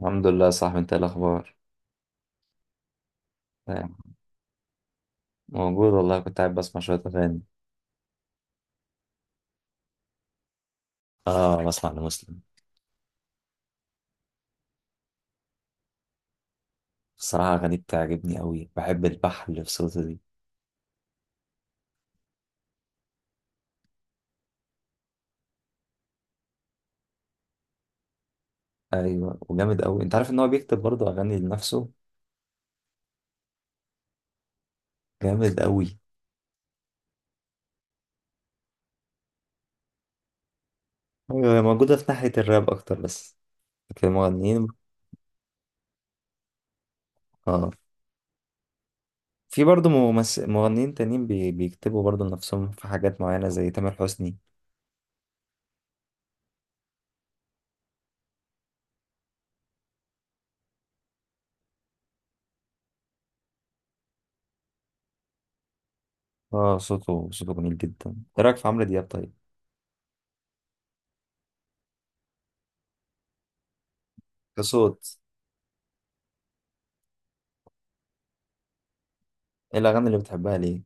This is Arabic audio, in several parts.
الحمد لله يا صاحبي، انت ايه الاخبار؟ تمام. موجود والله، كنت قاعد بسمع شويه اغاني. اه بسمع لمسلم. الصراحه اغانيه بتعجبني قوي، بحب البحر اللي في صوته دي. ايوه وجامد قوي. انت عارف ان هو بيكتب برضه اغاني لنفسه؟ جامد قوي. ايوه هي موجوده في ناحيه الراب اكتر بس. لكن المغنيين، اه في برضه مغنيين تانيين بيكتبوا برضه لنفسهم في حاجات معينه زي تامر حسني. اه صوته جميل جدا. ايه رايك في عمرو دياب طيب؟ كصوت؟ ايه الاغاني اللي بتحبها ليه؟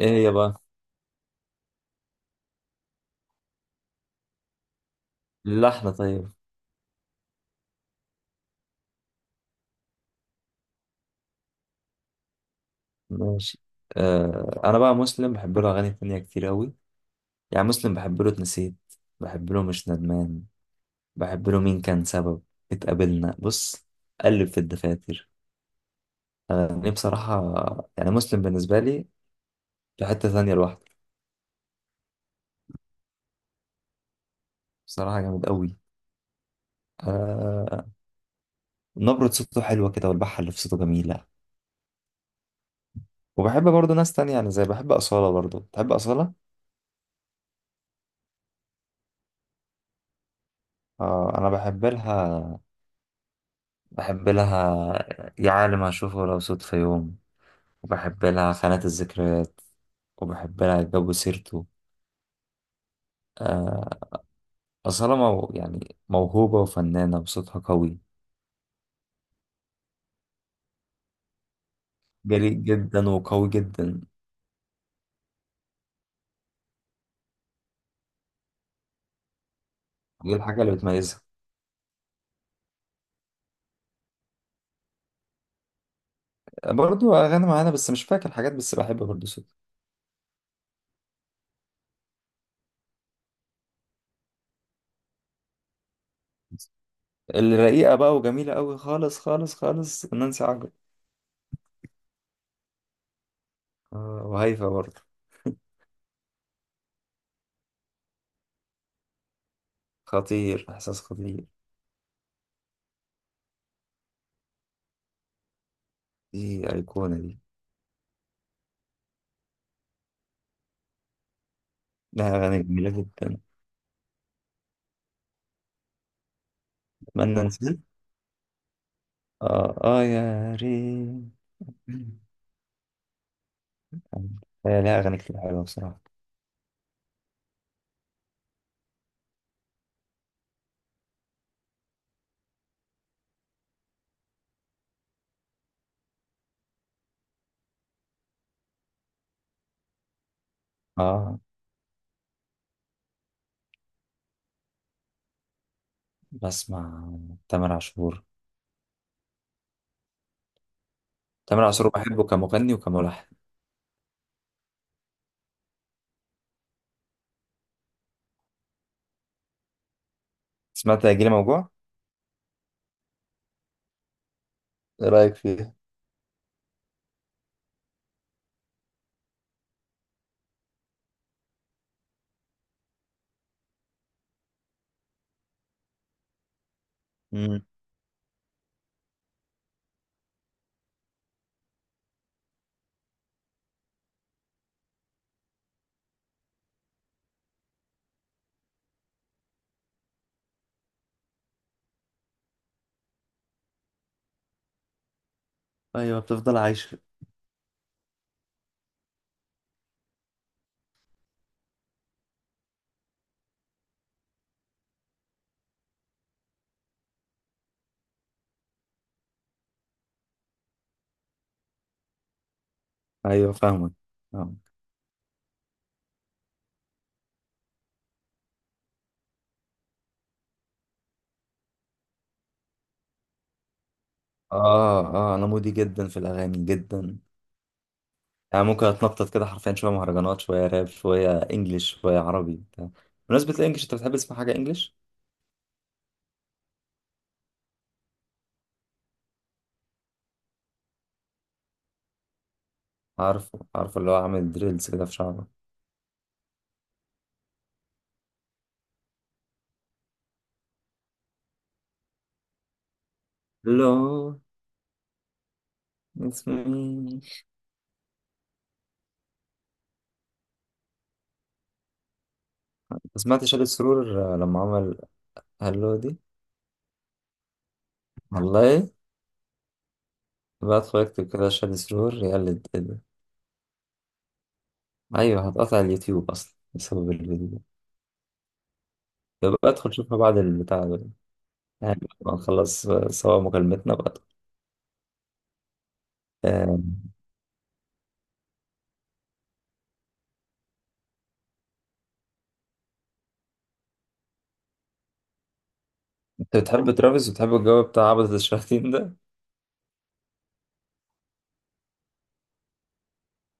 ايه هي بقى؟ اللحن طيب؟ ماشي. آه انا بقى مسلم بحب له اغاني تانية كتير اوي. يعني مسلم بحب له اتنسيت، بحب له مش ندمان، بحب له مين كان سبب، اتقابلنا بص، قلب في الدفاتر. اغاني بصراحة. يعني مسلم بالنسبة لي في حتة تانية لوحده. بصراحة جامد اوي. آه نبرة صوته حلوة كده، والبحة اللي في صوته جميلة. وبحب برضه ناس تانية، يعني زي بحب أصالة. برضه تحب أصالة؟ آه أنا بحب لها. بحب لها يا عالم هشوفه لو صدفة يوم، وبحب لها خانات الذكريات، وبحب لها جو سيرته. آه، أصالة مو يعني موهوبة وفنانة وصوتها قوي. جريء جدا وقوي جدا. دي الحاجة اللي بتميزها. برضو أغاني معانا، بس مش فاكر حاجات، بس بحب برضو صوتها. الرقيقة بقى وجميلة قوي خالص خالص خالص، نانسي عجرم. وهيفا برضو. خطير، إحساس خطير. دي أيقونة دي. لها أغاني جميلة جدا. أتمنى، نسيت. آه آه يا ريت. هي لها أغاني كتير حلوة بصراحة. آه بسمع تامر عاشور. تامر عاشور بحبه كمغني وكملحن. سمعت هيجيلي موجوع؟ ايه رايك فيها؟ مم. أيوة بتفضل عايشة. أيوة فاهمك. فاهمك. آه آه أنا مودي جدا في الأغاني جدا. يعني ممكن أتنطط كده حرفيا، شوية مهرجانات شوية راب شوية إنجليش شوية عربي بتاع. بمناسبة الإنجليش، أنت بتحب تسمع حاجة إنجليش؟ عارفه عارفه، اللي هو عامل دريلز كده في شعره. لو اسمي. سمعت شادي سرور لما عمل هلو دي؟ والله؟ بقى اتفرجت كده شاد سرور يقلد كده. ايوه هتقطع اليوتيوب اصلا بسبب الفيديو ده. طب بقى ادخل شوفها بعد البتاع ده، يعني بعد ما نخلص سوا مكالمتنا بقى. آه، انت بتحب ترافيس وبتحب الجو بتاع عبدة الشياطين ده؟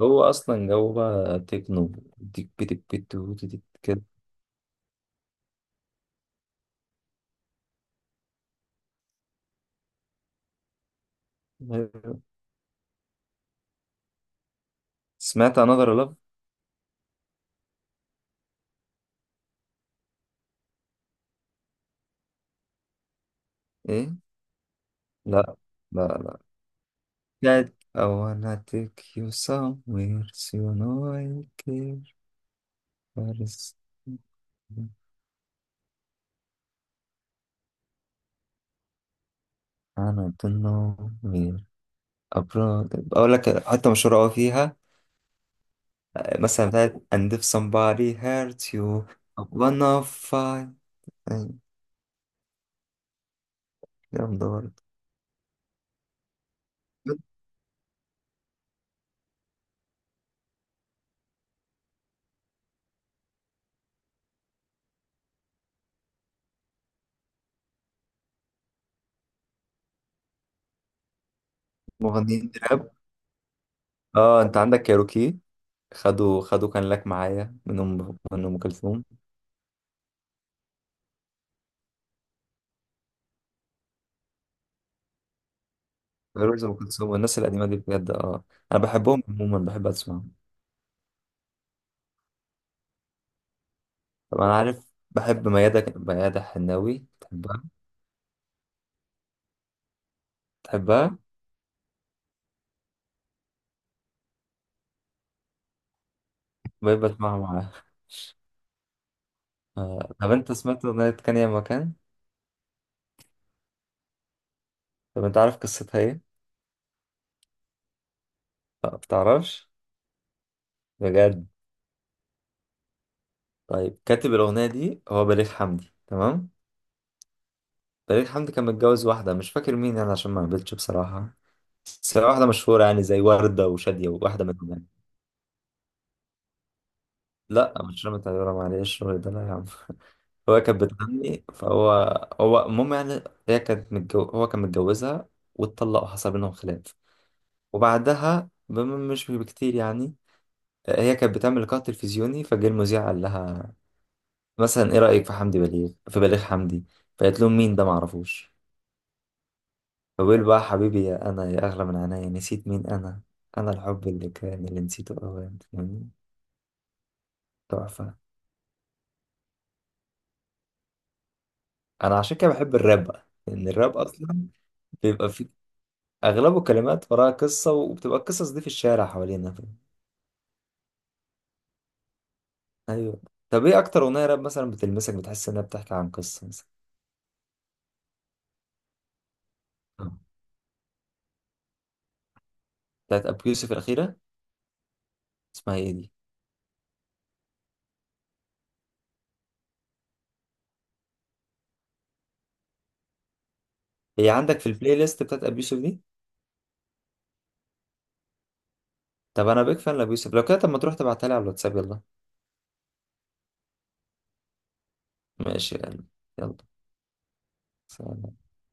هو اصلا جو بقى تكنو. تك بيتك بيتو تك كده. أيوة. سمعت انذر لاف؟ ايه. لا لا. That I wanna take you somewhere so you know I care for us. أنا ضمنه مين؟ أبرار. أقول لك حتة مشهورة أوي فيها، مثلا بتاعت And if somebody hurt you I'm gonna fight. أي، جامدة برضه. مغنيين راب. اه انت عندك كايروكي، خدوا كان لك معايا منهم من ام كلثوم. فيروز ام كلثوم والناس القديمه دي بجد. اه انا بحبهم عموما، بحب اسمعهم. طب انا عارف بحب ميادة، ميادة حناوي تحبها؟ تحبها؟ بحب اسمعها معاها. آه. طب انت سمعت اغنيه كان يا مكان؟ طب انت عارف قصتها ايه؟ لا بتعرفش؟ بجد؟ طيب كاتب الأغنية دي هو بليغ حمدي، تمام؟ بليغ حمدي كان متجوز واحدة، مش فاكر مين يعني عشان ما قابلتش بصراحة، بس هي واحدة مشهورة يعني زي وردة وشادية وواحدة من دول. لا مش رامي طيارة، معلش الشغل ده لا يا عم هو كانت بتغني فهو، هو المهم يعني. هو كان متجوزها واتطلقوا، حصل بينهم خلاف. مش بكتير يعني، هي كانت بتعمل لقاء تلفزيوني فجه المذيع قال لها مثلا ايه رأيك في حمدي بليغ، في بليغ حمدي. فقالت لهم مين ده، معرفوش. فبيقول بقى، حبيبي يا انا يا اغلى من عينيا نسيت مين انا. انا الحب اللي كان اللي نسيته اوان يعني. تحفة. انا عشان كده بحب الراب بقى لان الراب اصلا بيبقى فيه اغلبه كلمات وراها قصة، وبتبقى القصص دي في الشارع حوالينا، فاهم؟ ايوه. طب ايه اكتر اغنية راب مثلا بتلمسك بتحس انها بتحكي عن قصة مثلا؟ بتاعت ابو يوسف الاخيرة. اسمها ايه دي؟ هي عندك في البلاي ليست بتاعت ابو يوسف دي. طب انا بيك فان لابو يوسف لو كده، طب ما تروح تبعتها لي على الواتساب، يلا. ماشي يا قلبي. يلا. سلام.